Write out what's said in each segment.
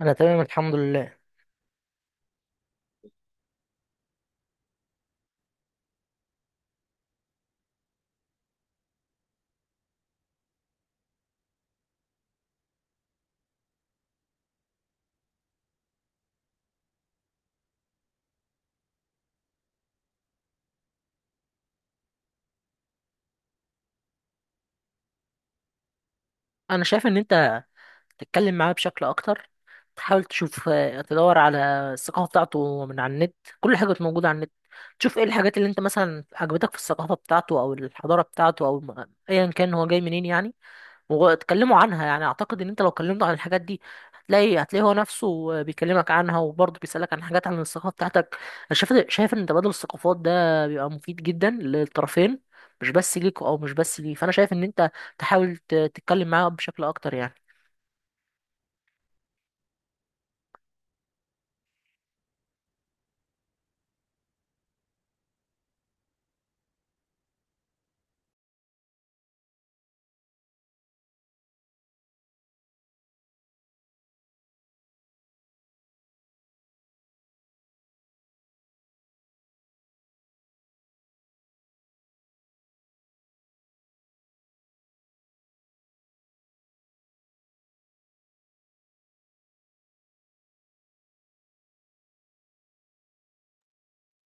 انا تمام الحمد لله. انا شايف ان انت تتكلم معاه بشكل اكتر، تحاول تشوف تدور على الثقافه بتاعته من على النت. كل حاجه موجوده على النت. تشوف ايه الحاجات اللي انت مثلا عجبتك في الثقافه بتاعته او الحضاره بتاعته او ايا كان هو جاي منين يعني. واتكلموا عنها، يعني اعتقد ان انت لو كلمته عن الحاجات دي هتلاقي هو نفسه بيكلمك عنها، وبرضه بيسألك عن حاجات عن الثقافة بتاعتك. انا شايف ان تبادل الثقافات ده بيبقى مفيد جدا للطرفين، مش بس ليك او مش بس ليه. فانا شايف ان انت تحاول تتكلم معاه بشكل اكتر يعني.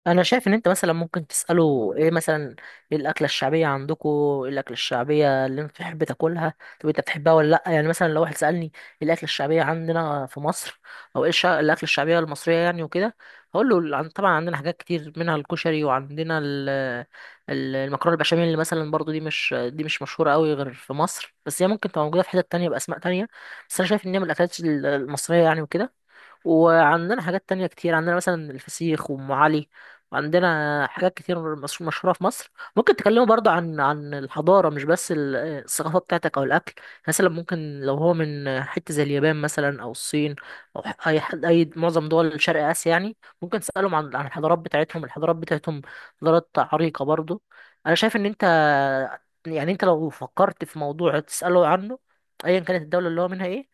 انا شايف ان انت مثلا ممكن تساله ايه مثلا: ايه الاكله الشعبيه عندكم؟ ايه الاكله الشعبيه اللي انت بتحب تاكلها؟ طب انت بتحبها ولا لا؟ يعني مثلا لو واحد سالني: ايه الاكله الشعبيه عندنا في مصر، او ايه الاكله الشعبيه المصريه يعني، وكده هقول له طبعا عندنا حاجات كتير منها الكشري، وعندنا المكرونه البشاميل، اللي مثلا برضو دي مش مشهوره قوي غير في مصر، بس هي ممكن تبقى موجوده في حتت تانية باسماء تانية. بس انا شايف ان هي من الاكلات المصريه يعني، وكده. وعندنا حاجات تانية كتير، عندنا مثلا الفسيخ وأم علي، وعندنا حاجات كتير مشهورة في مصر. ممكن تكلموا برضو عن الحضارة، مش بس الثقافة بتاعتك أو الأكل. مثلا ممكن لو هو من حتة زي اليابان مثلا أو الصين أو أي حد، أي معظم دول شرق آسيا يعني. ممكن تسألهم عن الحضارات بتاعتهم، الحضارات بتاعتهم حضارات عريقة برضو. أنا شايف إن أنت، يعني أنت لو فكرت في موضوع تسأله عنه أيا كانت الدولة اللي هو منها، إيه،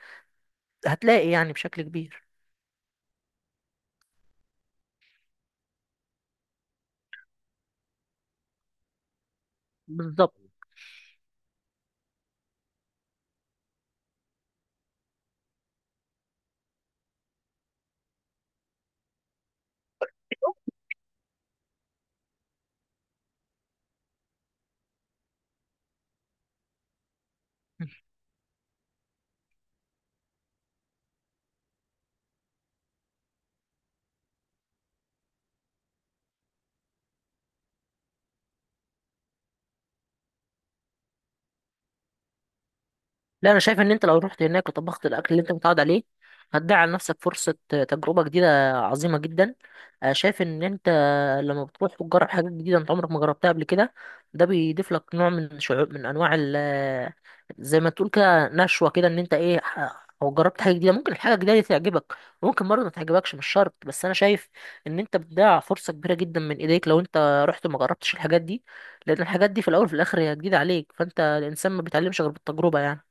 هتلاقي يعني بشكل كبير. بالظبط. لا انا شايف ان انت لو رحت هناك وطبخت الاكل اللي انت متعود عليه، هتضيع على نفسك فرصه تجربه جديده عظيمه جدا. أنا شايف ان انت لما بتروح وتجرب حاجات جديده انت عمرك ما جربتها قبل كده، ده بيضيف لك نوع من شعور، من انواع ال، زي ما تقول كده، نشوه كده، ان انت ايه، او جربت حاجه جديده، ممكن الحاجه الجديده دي تعجبك وممكن برضه ما تعجبكش، مش شرط. بس انا شايف ان انت بتضيع فرصه كبيره جدا من ايديك لو انت رحت وما جربتش الحاجات دي، لان الحاجات دي في الاول وفي الاخر هي جديده عليك، فانت الانسان ما بيتعلمش غير بالتجربه يعني.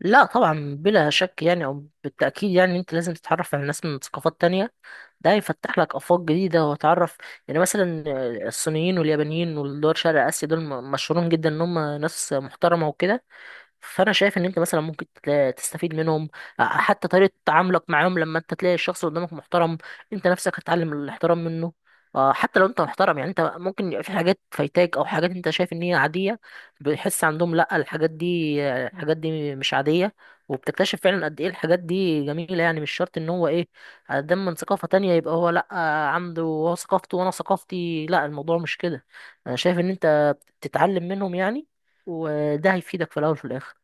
لا طبعا، بلا شك يعني، او بالتاكيد يعني انت لازم تتعرف على ناس من ثقافات تانية، ده هيفتح لك افاق جديده وتعرف. يعني مثلا، الصينيين واليابانيين والدول شرق اسيا دول مشهورين جدا ان هم ناس محترمه وكده. فانا شايف ان انت مثلا ممكن تستفيد منهم. حتى طريقه تعاملك معاهم، لما انت تلاقي الشخص اللي قدامك محترم، انت نفسك هتتعلم الاحترام منه. حتى لو انت محترم يعني، انت ممكن يبقى في حاجات فايتاك او حاجات انت شايف ان هي عاديه، بتحس عندهم لا الحاجات دي، الحاجات دي مش عاديه. وبتكتشف فعلا قد ايه الحاجات دي جميله يعني. مش شرط ان هو ايه، دم من ثقافه تانية يبقى هو لا، عنده هو ثقافته وانا ثقافتي، لا الموضوع مش كده. انا شايف ان انت بتتعلم منهم يعني، وده هيفيدك في الاول وفي الاخر.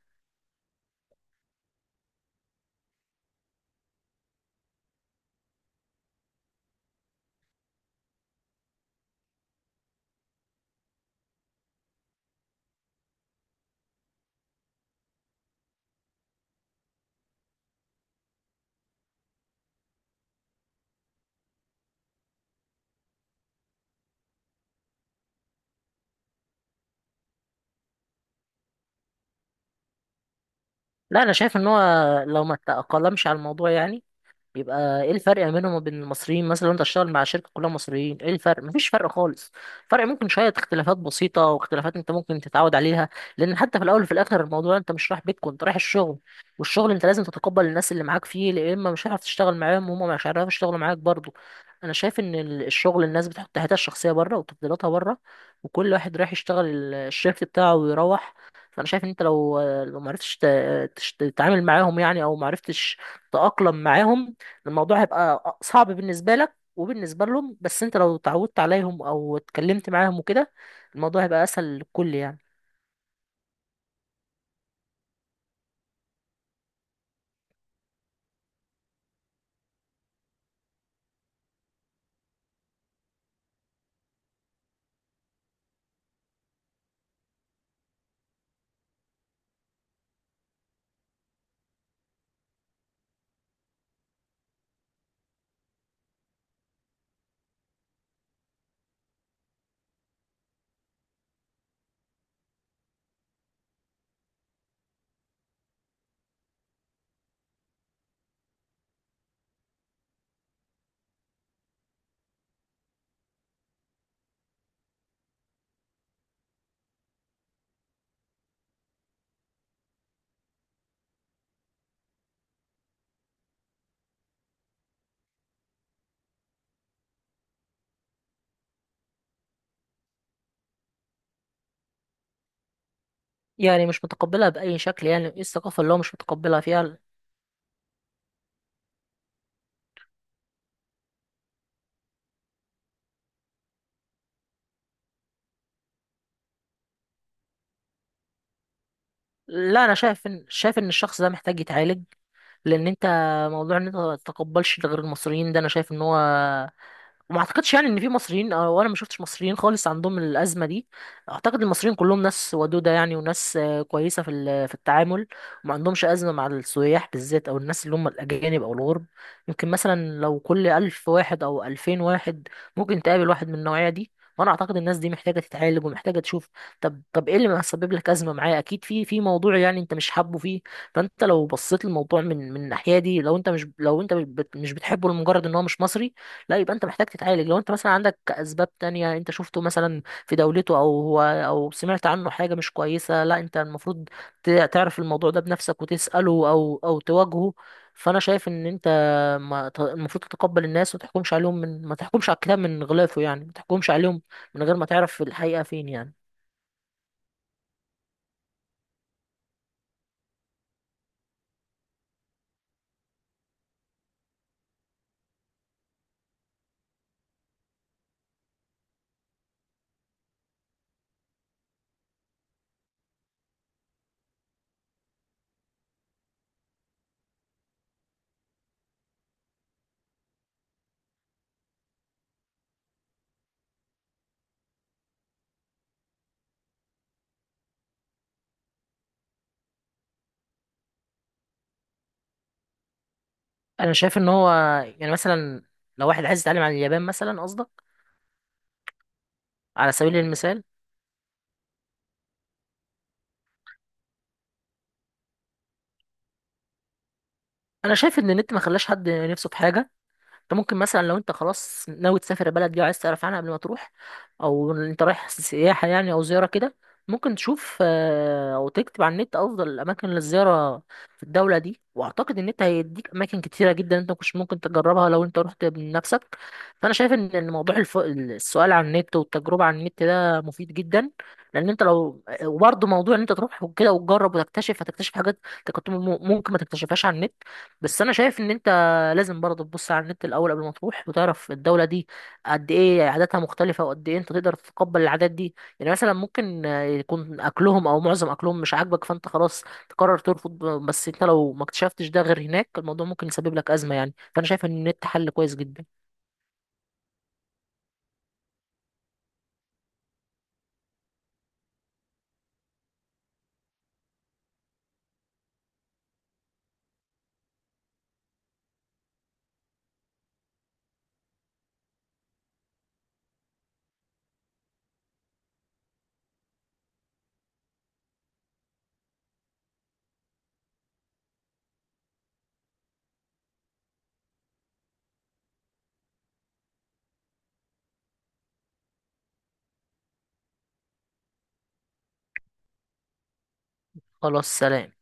لا انا شايف ان هو لو ما تأقلمش على الموضوع يعني، بيبقى ايه الفرق ما بينهم وبين المصريين؟ مثلا لو انت هتشتغل مع شركه كلها مصريين ايه الفرق؟ مفيش فرق خالص. فرق ممكن شويه اختلافات بسيطه، واختلافات انت ممكن تتعود عليها، لان حتى في الاول وفي الاخر الموضوع انت مش رايح بيتكم، انت رايح الشغل، والشغل انت لازم تتقبل الناس اللي معاك فيه، لا اما مش هتعرف تشتغل معاهم وهم مش هيعرفوا يشتغلوا معاك برضو. انا شايف ان الشغل، الناس بتحط حياتها الشخصيه بره وتفضيلاتها بره، وكل واحد رايح يشتغل الشيفت بتاعه ويروح. فانا شايف ان انت لو معرفتش تتعامل معاهم يعني، او معرفتش تتاقلم معاهم، الموضوع هيبقى صعب بالنسبة لك وبالنسبة لهم، بس انت لو اتعودت عليهم او اتكلمت معاهم وكده، الموضوع هيبقى اسهل للكل يعني. يعني مش متقبلها بأي شكل يعني؟ ايه الثقافة اللي هو مش متقبلها فيها؟ لا انا شايف ان الشخص ده محتاج يتعالج، لان انت، موضوع ان انت ما تتقبلش غير المصريين ده، انا شايف ان هو، وما اعتقدش يعني ان في مصريين، او انا ما شفتش مصريين خالص عندهم الازمه دي. اعتقد المصريين كلهم ناس ودوده يعني، وناس كويسه في في التعامل، وما عندهمش ازمه مع السياح بالذات او الناس اللي هم الاجانب او الغرب. يمكن مثلا لو كل 1000 واحد او 2000 واحد ممكن تقابل واحد من النوعيه دي. وانا اعتقد الناس دي محتاجه تتعالج ومحتاجه تشوف. طب ايه اللي مسبب لك ازمه معايا؟ اكيد في موضوع يعني انت مش حابه فيه. فانت لو بصيت للموضوع من الناحيه دي، لو انت مش مش بتحبه لمجرد ان هو مش مصري، لا يبقى انت محتاج تتعالج. لو انت مثلا عندك اسباب تانية، انت شفته مثلا في دولته، او هو، او سمعت عنه حاجة مش كويسة، لا انت المفروض تعرف الموضوع ده بنفسك وتسأله، او تواجهه. فانا شايف ان انت ما ت- المفروض تتقبل الناس، وما تحكمش عليهم من، ما تحكمش على الكتاب من غلافه يعني، ما تحكمش عليهم من غير ما تعرف الحقيقة فين يعني. انا شايف ان هو، يعني مثلا لو واحد عايز يتعلم عن اليابان مثلا قصدك؟ على سبيل المثال. انا شايف ان النت ما خلاش حد نفسه في حاجة. انت ممكن مثلا لو انت خلاص ناوي تسافر البلد دي وعايز تعرف عنها قبل ما تروح، او انت رايح سياحة يعني او زيارة كده، ممكن تشوف او تكتب على النت افضل الاماكن للزيارة في الدولة دي، واعتقد ان انت هيديك اماكن كتيرة جدا انت مش ممكن تجربها لو انت رحت بنفسك. فانا شايف ان إن موضوع السؤال عن النت والتجربة عن النت ده مفيد جدا، لان انت لو وبرضه موضوع ان انت تروح وكده وتجرب وتكتشف، هتكتشف حاجات انت كنت ممكن ما تكتشفهاش على النت. بس انا شايف ان انت لازم برضه تبص على النت الاول قبل ما تروح وتعرف الدوله دي قد ايه عاداتها مختلفه، وقد ايه انت تقدر تتقبل العادات دي. يعني مثلا ممكن يكون اكلهم او معظم اكلهم مش عاجبك، فانت خلاص تقرر ترفض، بس انت لو ما اكتشفتش ده غير هناك الموضوع ممكن يسبب لك ازمه يعني، فانا شايف ان النت حل كويس جدا. خلاص، سلام.